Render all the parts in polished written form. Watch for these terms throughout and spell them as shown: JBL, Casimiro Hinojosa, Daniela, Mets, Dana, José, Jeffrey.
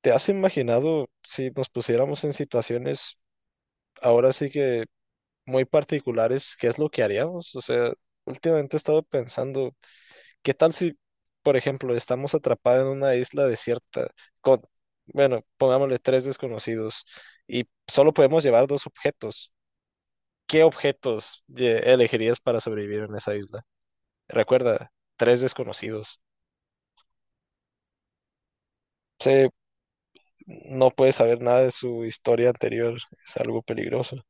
¿Te has imaginado si nos pusiéramos en situaciones ahora sí que muy particulares, qué es lo que haríamos? O sea, últimamente he estado pensando, ¿qué tal si, por ejemplo, estamos atrapados en una isla desierta con, bueno, pongámosle tres desconocidos y solo podemos llevar dos objetos? ¿Qué objetos elegirías para sobrevivir en esa isla? Recuerda, tres desconocidos. Sí. No puedes saber nada de su historia anterior, es algo peligroso.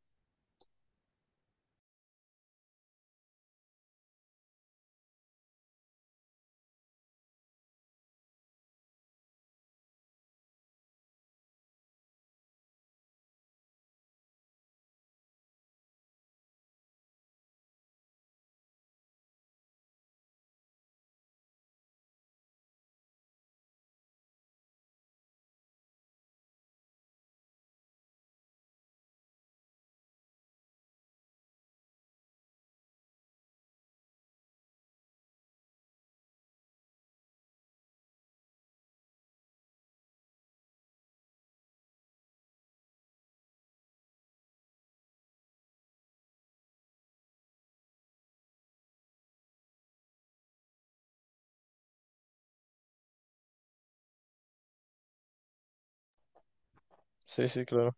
Sí, sí, claro.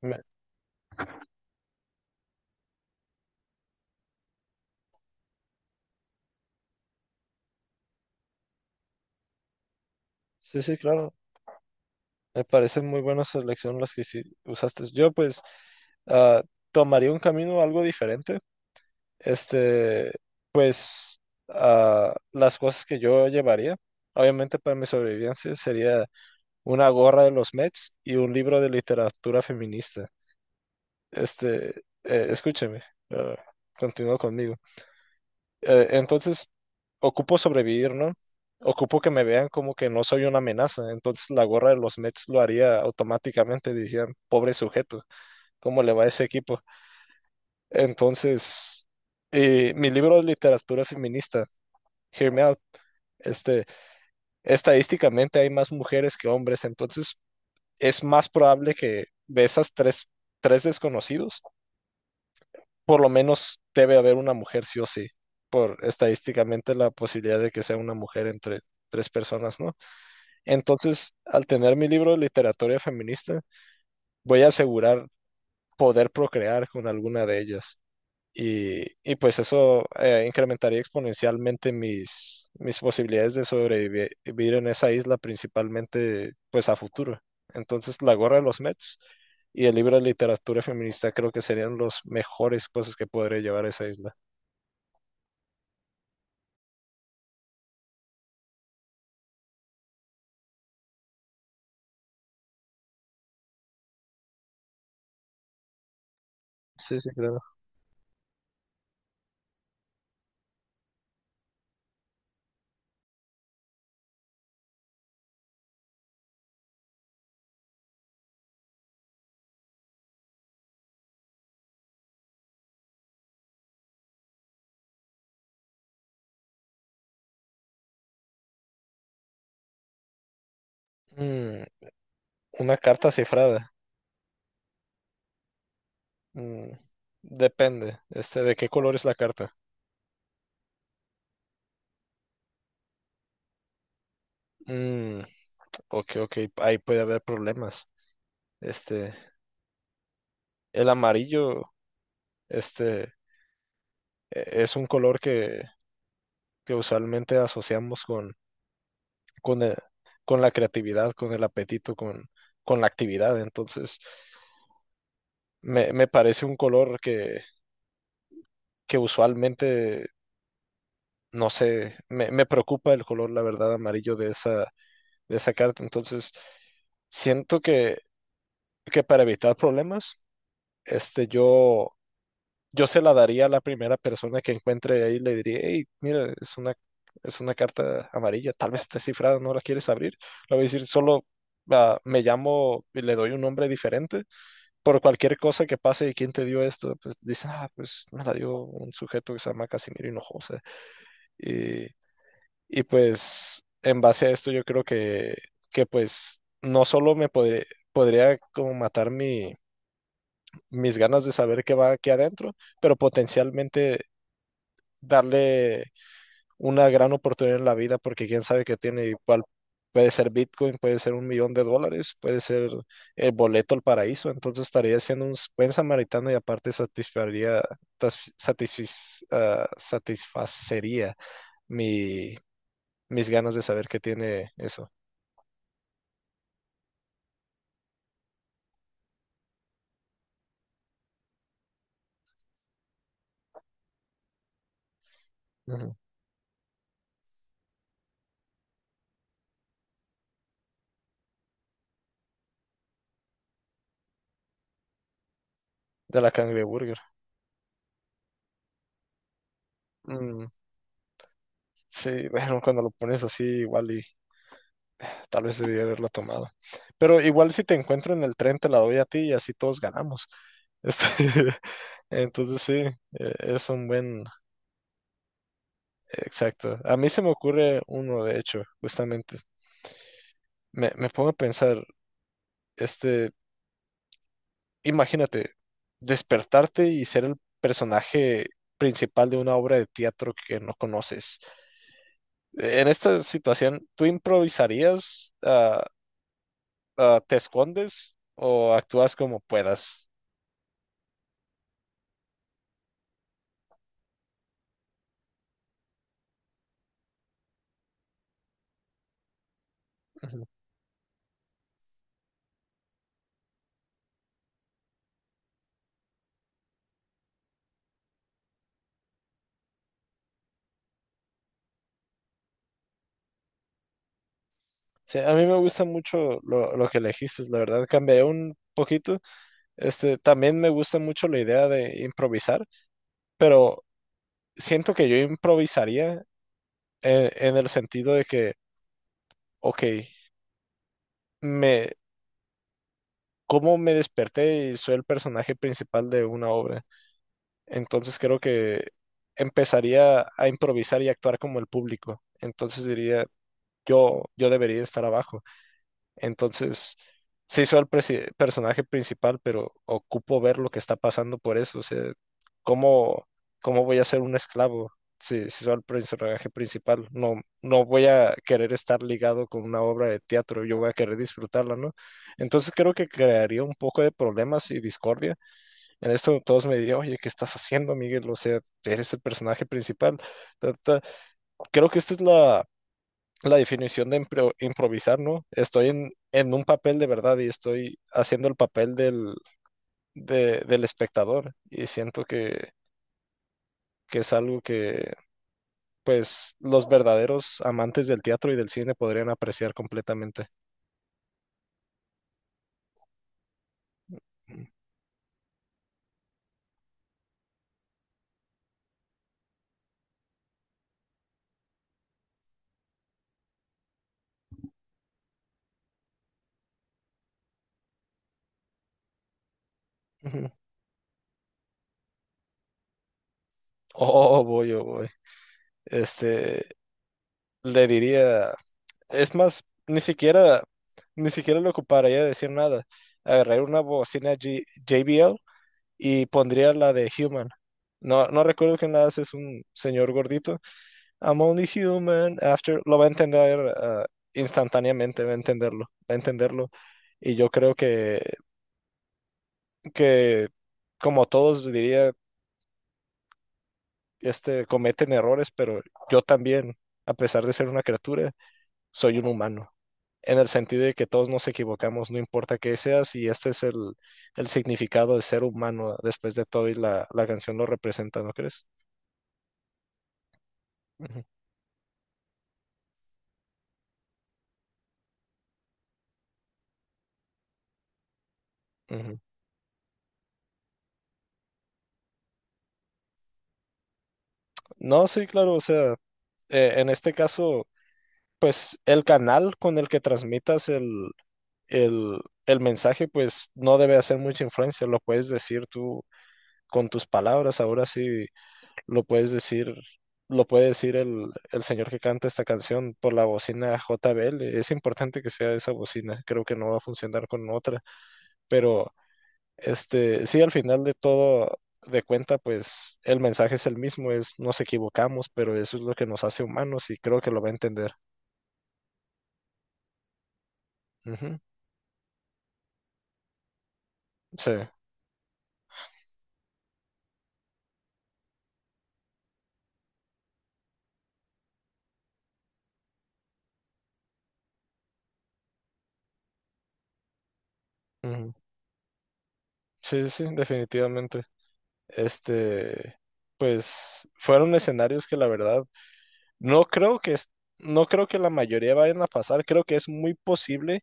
Me- sí, sí, claro. Me parece muy buena selección las que sí usaste. Yo, pues, ah, tomaría un camino algo diferente. Este, pues, las cosas que yo llevaría, obviamente para mi sobrevivencia, sería una gorra de los Mets y un libro de literatura feminista. Este, escúcheme, eh, continúa conmigo. Entonces, ocupo sobrevivir, ¿no? Ocupo que me vean como que no soy una amenaza. Entonces, la gorra de los Mets lo haría automáticamente. Dirían, pobre sujeto, ¿cómo le va a ese equipo? Entonces, mi libro de literatura feminista, Hear Me Out, este, estadísticamente hay más mujeres que hombres. Entonces, es más probable que de esas tres, tres desconocidos, por lo menos debe haber una mujer sí o sí, por estadísticamente la posibilidad de que sea una mujer entre tres personas, ¿no? Entonces, al tener mi libro de literatura feminista, voy a asegurar poder procrear con alguna de ellas. Y pues eso incrementaría exponencialmente mis posibilidades de sobrevivir en esa isla, principalmente pues a futuro. Entonces, la gorra de los Mets y el libro de literatura feminista creo que serían las mejores cosas que podré llevar a esa isla. Sí, sí, claro. Mm, una carta cifrada. Mm, depende. ¿De qué color es la carta? Mm, ok, ok. Ahí puede haber problemas. Este, el amarillo, este, es un color que usualmente asociamos con, con la creatividad, con el apetito, con la actividad. Entonces, me parece un color que usualmente, no sé, me preocupa el color, la verdad, amarillo de esa carta. Entonces, siento que para evitar problemas, este, yo, yo se la daría a la primera persona que encuentre ahí, le diría, hey, mira, es una carta amarilla, tal vez está cifrada, no la quieres abrir. Le voy a decir, solo me llamo y le doy un nombre diferente por cualquier cosa que pase y quién te dio esto, pues dice ah, pues me la dio un sujeto que se llama Casimiro Hinojosa. Y Y pues en base a esto yo creo que pues no solo podría como matar mis ganas de saber qué va aquí adentro, pero potencialmente darle una gran oportunidad en la vida porque quién sabe qué tiene igual. Puede ser Bitcoin, puede ser un millón de dólares, puede ser el boleto al paraíso. Entonces estaría siendo un buen samaritano y aparte satisfaría, satisfacería mi, mis ganas de saber qué tiene eso. Ujú. De la cangreburger. Mm, sí, bueno, cuando lo pones así, igual y tal vez debía haberla tomado. Pero igual si te encuentro en el tren, te la doy a ti y así todos ganamos. Este, entonces sí, es un buen... Exacto. A mí se me ocurre uno, de hecho, justamente. Me pongo a pensar, este, imagínate, despertarte y ser el personaje principal de una obra de teatro que no conoces. En esta situación, ¿tú improvisarías? ¿Te escondes o actúas como puedas? Ujú. Sí, a mí me gusta mucho lo que elegiste, la verdad, cambié un poquito. También me gusta mucho la idea de improvisar, pero siento que yo improvisaría el sentido de ok, me, cómo me desperté y soy el personaje principal de una obra. Entonces creo que empezaría a improvisar y actuar como el público. Entonces diría, yo debería estar abajo. Entonces, se soy el personaje principal, pero ocupo ver lo que está pasando por eso. O sea, ¿cómo, ¿cómo voy a ser un esclavo si soy el personaje principal? No, no voy a querer estar ligado con una obra de teatro, yo voy a querer disfrutarla, ¿no? Entonces creo que crearía un poco de problemas y discordia. En esto todos me dirían, oye, ¿qué estás haciendo, Miguel? O sea, eres el personaje principal. Ta, ta. Creo que esta es la definición de improvisar, ¿no? Estoy en un papel de verdad y estoy haciendo el papel del espectador y siento que es algo que, pues, los verdaderos amantes del teatro y del cine podrían apreciar completamente. Ujú. Oh, voy, oh, voy. Este, le diría, es más, ni siquiera le ocuparía decir nada. Agarré una bocina JBL y pondría la de Human. No, no recuerdo quién la hace, es un señor gordito. I'm only human after. Lo va a entender instantáneamente, va a entenderlo, va a entenderlo. Y yo creo que como todos diría, cometen errores, pero yo también, a pesar de ser una criatura, soy un humano. En el sentido de que todos nos equivocamos, no importa qué seas, y este es el significado de ser humano después de todo, y la canción lo representa, ¿no crees? Ujú, ujú. No, sí, claro, o sea, en este caso, pues el canal con el que transmitas el el mensaje, pues no debe hacer mucha influencia, lo puedes decir tú con tus palabras, ahora sí lo puedes decir, lo puede decir el señor que canta esta canción por la bocina JBL, es importante que sea esa bocina, creo que no va a funcionar con otra, pero sí, al final de todo, de cuenta, pues el mensaje es el mismo, es nos equivocamos, pero eso es lo que nos hace humanos y creo que lo va a entender. Ujú. Sí, ujú. Sí, sí, definitivamente. Este, pues fueron escenarios que la verdad no creo que es- no creo que la mayoría vayan a pasar, creo que es muy posible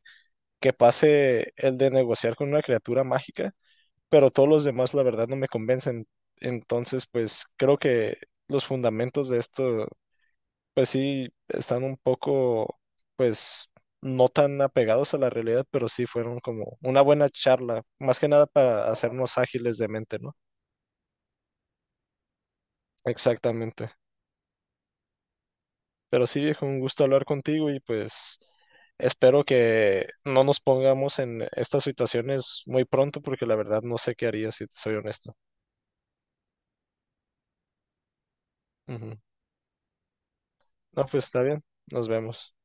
que pase el de negociar con una criatura mágica, pero todos los demás la verdad no me convencen. Entonces, pues creo que los fundamentos de esto pues sí, están un poco, pues, no tan apegados a la realidad, pero sí fueron como una buena charla, más que nada para hacernos ágiles de mente, ¿no? Exactamente. Pero sí, viejo, un gusto hablar contigo y pues espero que no nos pongamos en estas situaciones muy pronto, porque la verdad no sé qué haría si te soy honesto. Ujú. No, pues está bien, nos vemos.